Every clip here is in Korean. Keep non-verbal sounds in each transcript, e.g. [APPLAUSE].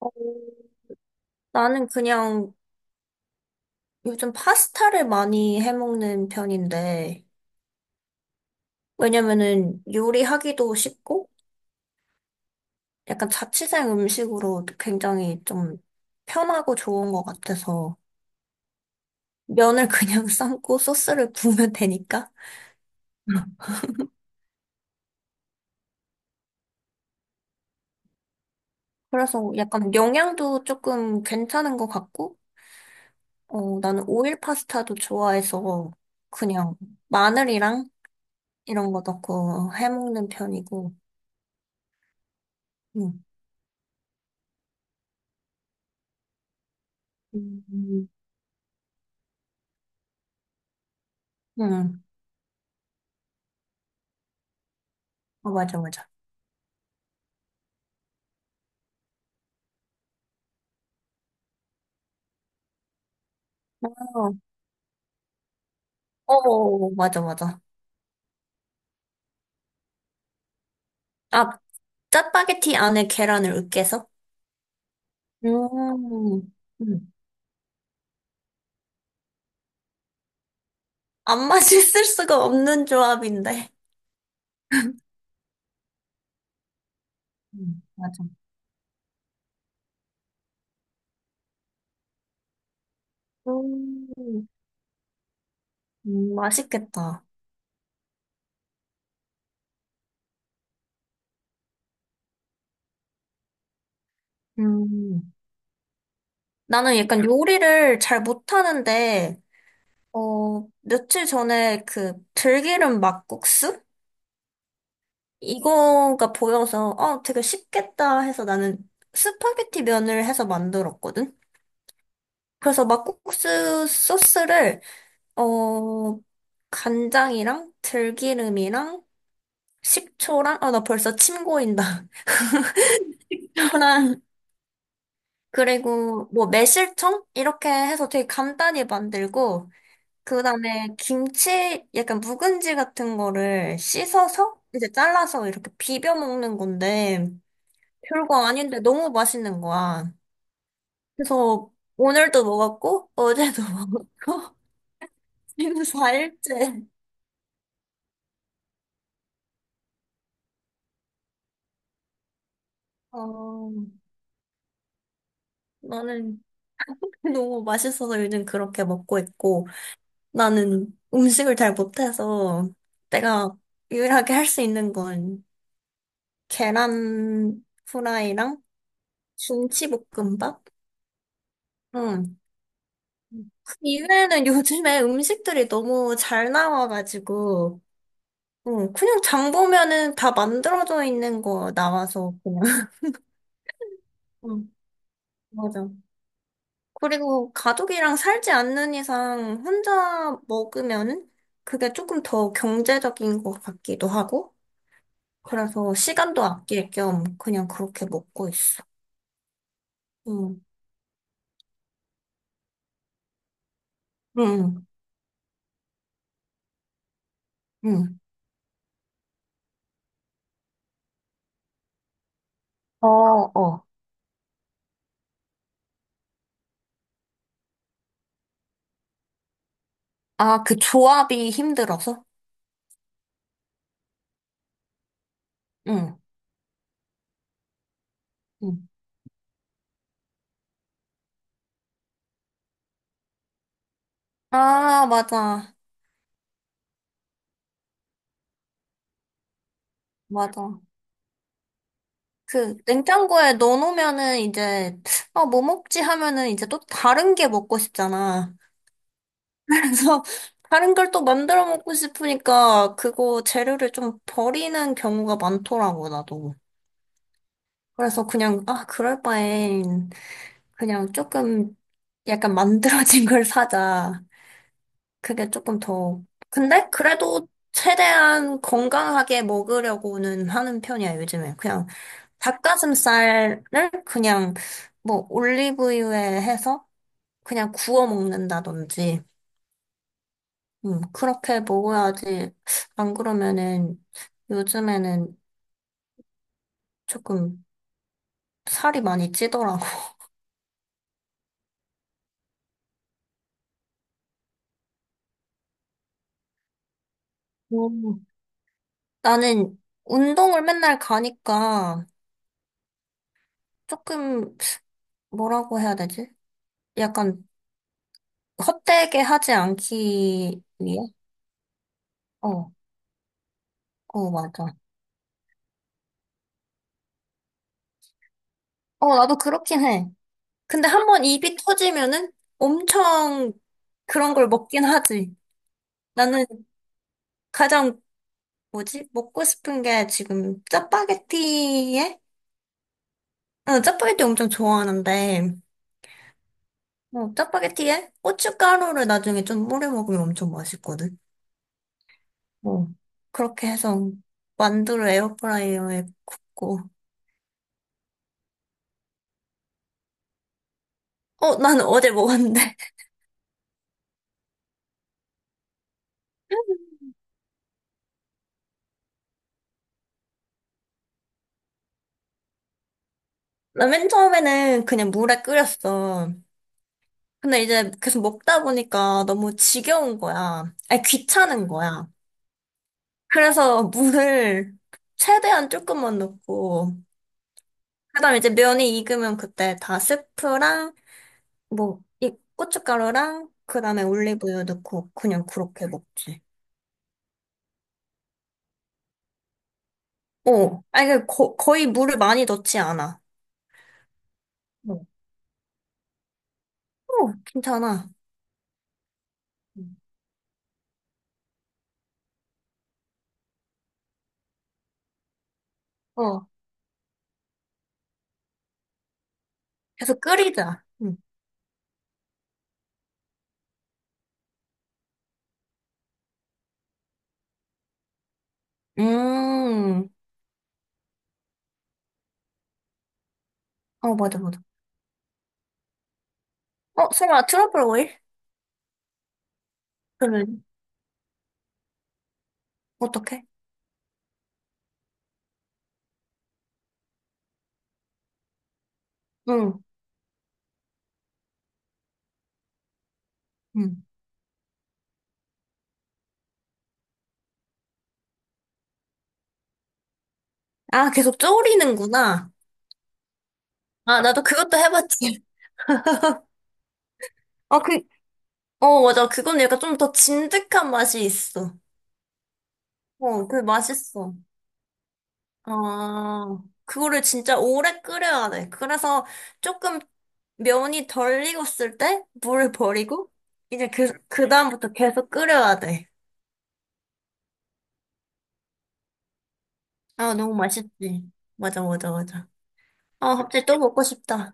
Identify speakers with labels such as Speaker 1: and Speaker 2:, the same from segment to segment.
Speaker 1: 어, 나는 그냥 요즘 파스타를 많이 해먹는 편인데, 왜냐면은 요리하기도 쉽고, 약간 자취생 음식으로 굉장히 좀 편하고 좋은 것 같아서, 면을 그냥 [LAUGHS] 삶고 소스를 부으면 되니까. 그래서 약간 영양도 조금 괜찮은 것 같고, 어, 나는 오일 파스타도 좋아해서 그냥 마늘이랑 이런 거 넣고 해먹는 편이고, 음 음, 음 어, 맞아, 맞아. 어, 어, 어, 맞아, 맞아. 아, 짜파게티 안에 계란을 으깨서? 음, 음. 안 맛있을 수가 없는 조합인데. 맞아. 음, 맛있겠다. 음. 나는 약간 요리를 잘 못하는데, 어, 며칠 전에 그 들기름 막국수? 이거가 보여서, 어, 되게 쉽겠다 해서 나는 스파게티 면을 해서 만들었거든? 그래서 막국수 소스를 어, 간장이랑 들기름이랑 식초랑, 아, 나 벌써 침 고인다. [LAUGHS] 초랑, 그리고 뭐 매실청? 이렇게 해서 되게 간단히 만들고, 그 다음에 김치, 약간 묵은지 같은 거를 씻어서, 이제 잘라서 이렇게 비벼 먹는 건데, 별거 아닌데 너무 맛있는 거야. 그래서 오늘도 먹었고, 어제도 [LAUGHS] 먹었고, 지금 4일째. 어, 나는 너무 맛있어서 요즘 그렇게 먹고 있고, 나는 음식을 잘 못해서 내가 유일하게 할 수 있는 건 계란 후라이랑 김치볶음밥? 응. 그 이외에는 요즘에 음식들이 너무 잘 나와가지고, 응. 그냥 장 보면은 다 만들어져 있는 거 나와서 그냥. [LAUGHS] 응, 맞아. 그리고 가족이랑 살지 않는 이상 혼자 먹으면 그게 조금 더 경제적인 것 같기도 하고, 그래서 시간도 아낄 겸 그냥 그렇게 먹고 있어. 응, 응, 응. 어, 어. 아, 그 조합이 힘들어서? 응, 응. 아, 맞아, 맞아. 그 냉장고에 넣어놓으면은 이제, 아, 뭐 먹지 하면은 이제 또 다른 게 먹고 싶잖아. 그래서 다른 걸 또 만들어 먹고 싶으니까 그거 재료를 좀 버리는 경우가 많더라고, 나도. 그래서 그냥, 아, 그럴 바엔 그냥 조금 약간 만들어진 걸 사자. 그게 조금 더. 근데 그래도 최대한 건강하게 먹으려고는 하는 편이야, 요즘에. 그냥 닭가슴살을 그냥 뭐 올리브유에 해서 그냥 구워 먹는다든지. 그렇게 먹어야지. 안 그러면은 요즘에는 조금 살이 많이 찌더라고. 음. 나는 운동을 맨날 가니까 조금 뭐라고 해야 되지? 약간 헛되게 하지 않기 위해? 어, 어, 맞아. 어, 나도 그렇긴 해. 근데 한 번 입이 터지면은 엄청 그런 걸 먹긴 하지. 나는 가장 뭐지? 먹고 싶은 게 지금 짜파게티에 나 짜파게티 엄청 좋아하는데, 뭐, 짜파게티에 고춧가루를 나중에 좀 뿌려 먹으면 엄청 맛있거든. 뭐, 그렇게 해서 만두를 에어프라이어에 굽고. 어, 나는 어제 먹었는데. [LAUGHS] 나 맨 처음에는 그냥 물에 끓였어. 근데 이제 계속 먹다 보니까 너무 지겨운 거야. 아니, 귀찮은 거야. 그래서 물을 최대한 조금만 넣고, 그다음에 이제 면이 익으면 그때 다 스프랑 뭐, 이 고춧가루랑 그다음에 올리브유 넣고 그냥 그렇게 먹지. 어, 아니 거의 물을 많이 넣지 않아. 어, 어, 괜찮아. 음. 어, 계속 끓이자. 음, 어, 맞아, 맞아. 어, 설마 트러플 오일? 그러면 어떡해? 응, 응. 아, 계속 졸이는구나. 아, 나도 그것도 해봤지. 아, 그, 어, 맞아. 그건 약간 좀 더 진득한 맛이 있어. 어, 그 맛있어. 아, 그거를 진짜 오래 끓여야 돼. 그래서 조금 면이 덜 익었을 때 물을 버리고 이제 그 다음부터 계속 끓여야 돼. 아, 너무 맛있지. 맞아, 맞아, 맞아. 아, 갑자기 또 먹고 싶다.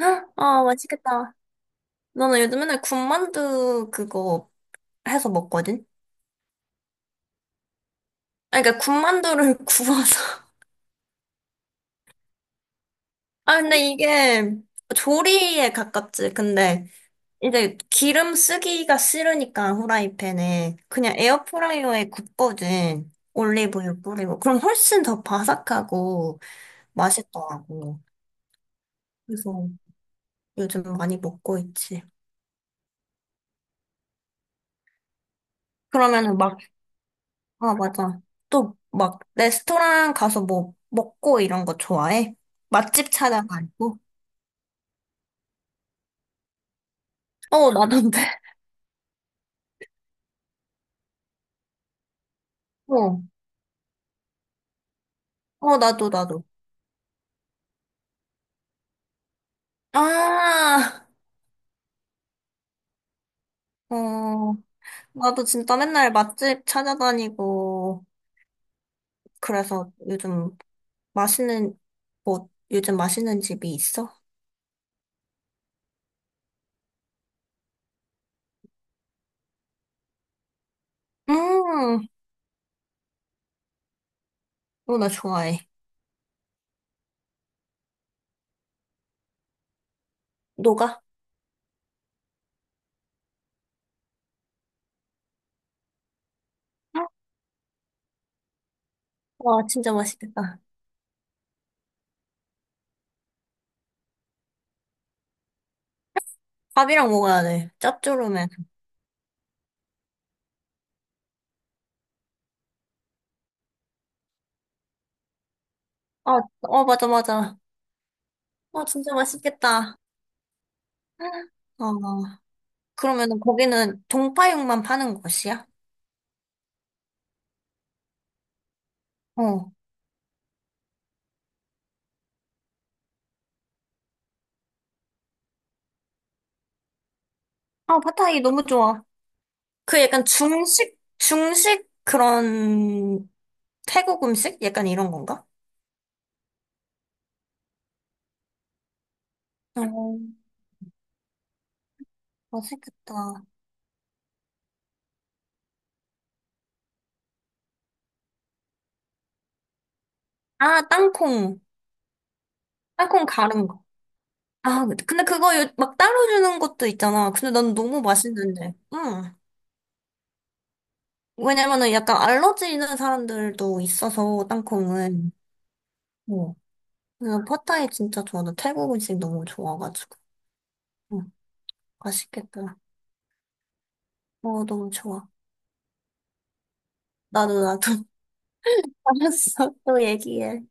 Speaker 1: 헉, 아, 맛있겠다. 너는 요즘 맨날 군만두 그거 해서 먹거든? 아, 그러니까 군만두를 [LAUGHS] 구워서. 아, 근데 이게 조리에 가깝지. 근데 이제 기름 쓰기가 싫으니까 후라이팬에 그냥 에어프라이어에 굽거든. 올리브유 뿌리고. 그럼 훨씬 더 바삭하고 맛있더라고. 그래서 요즘 많이 먹고 있지. 그러면은 막, 아, 맞아. 또 막 레스토랑 가서 뭐 먹고 이런 거 좋아해? 맛집 찾아가고? 어, 나도인데. [LAUGHS] 어, 어, 나도, 나도. 아, 어, 나도 진짜 맨날 맛집 찾아다니고. 그래서 요즘 맛있는, 뭐, 요즘 맛있는 집이 있어? 음, 어, 나 좋아해. 녹아? 와, 진짜 맛있겠다. 밥이랑 먹어야 돼. 짭조름해. 아, 어, 맞아, 맞아. 아, 진짜 맛있겠다. 어, 그러면 거기는 동파육만 파는 곳이야? 어. 아, 팟타이 너무 좋아. 그 약간 중식, 중식 그런 태국 음식? 약간 이런 건가? 어, 맛있겠다. 아, 땅콩. 땅콩 가른 거. 아, 근데 그거 요- 막 따로 주는 것도 있잖아. 근데 난 너무 맛있는데. 응. 왜냐면은 약간 알러지 있는 사람들도 있어서, 땅콩은. 어. 그냥 팟타이 진짜 좋아. 나 태국 음식 너무 좋아가지고. 응. 맛있겠다. 어, 너무 좋아. 나도, 나도. [LAUGHS] 알았어. 또 얘기해.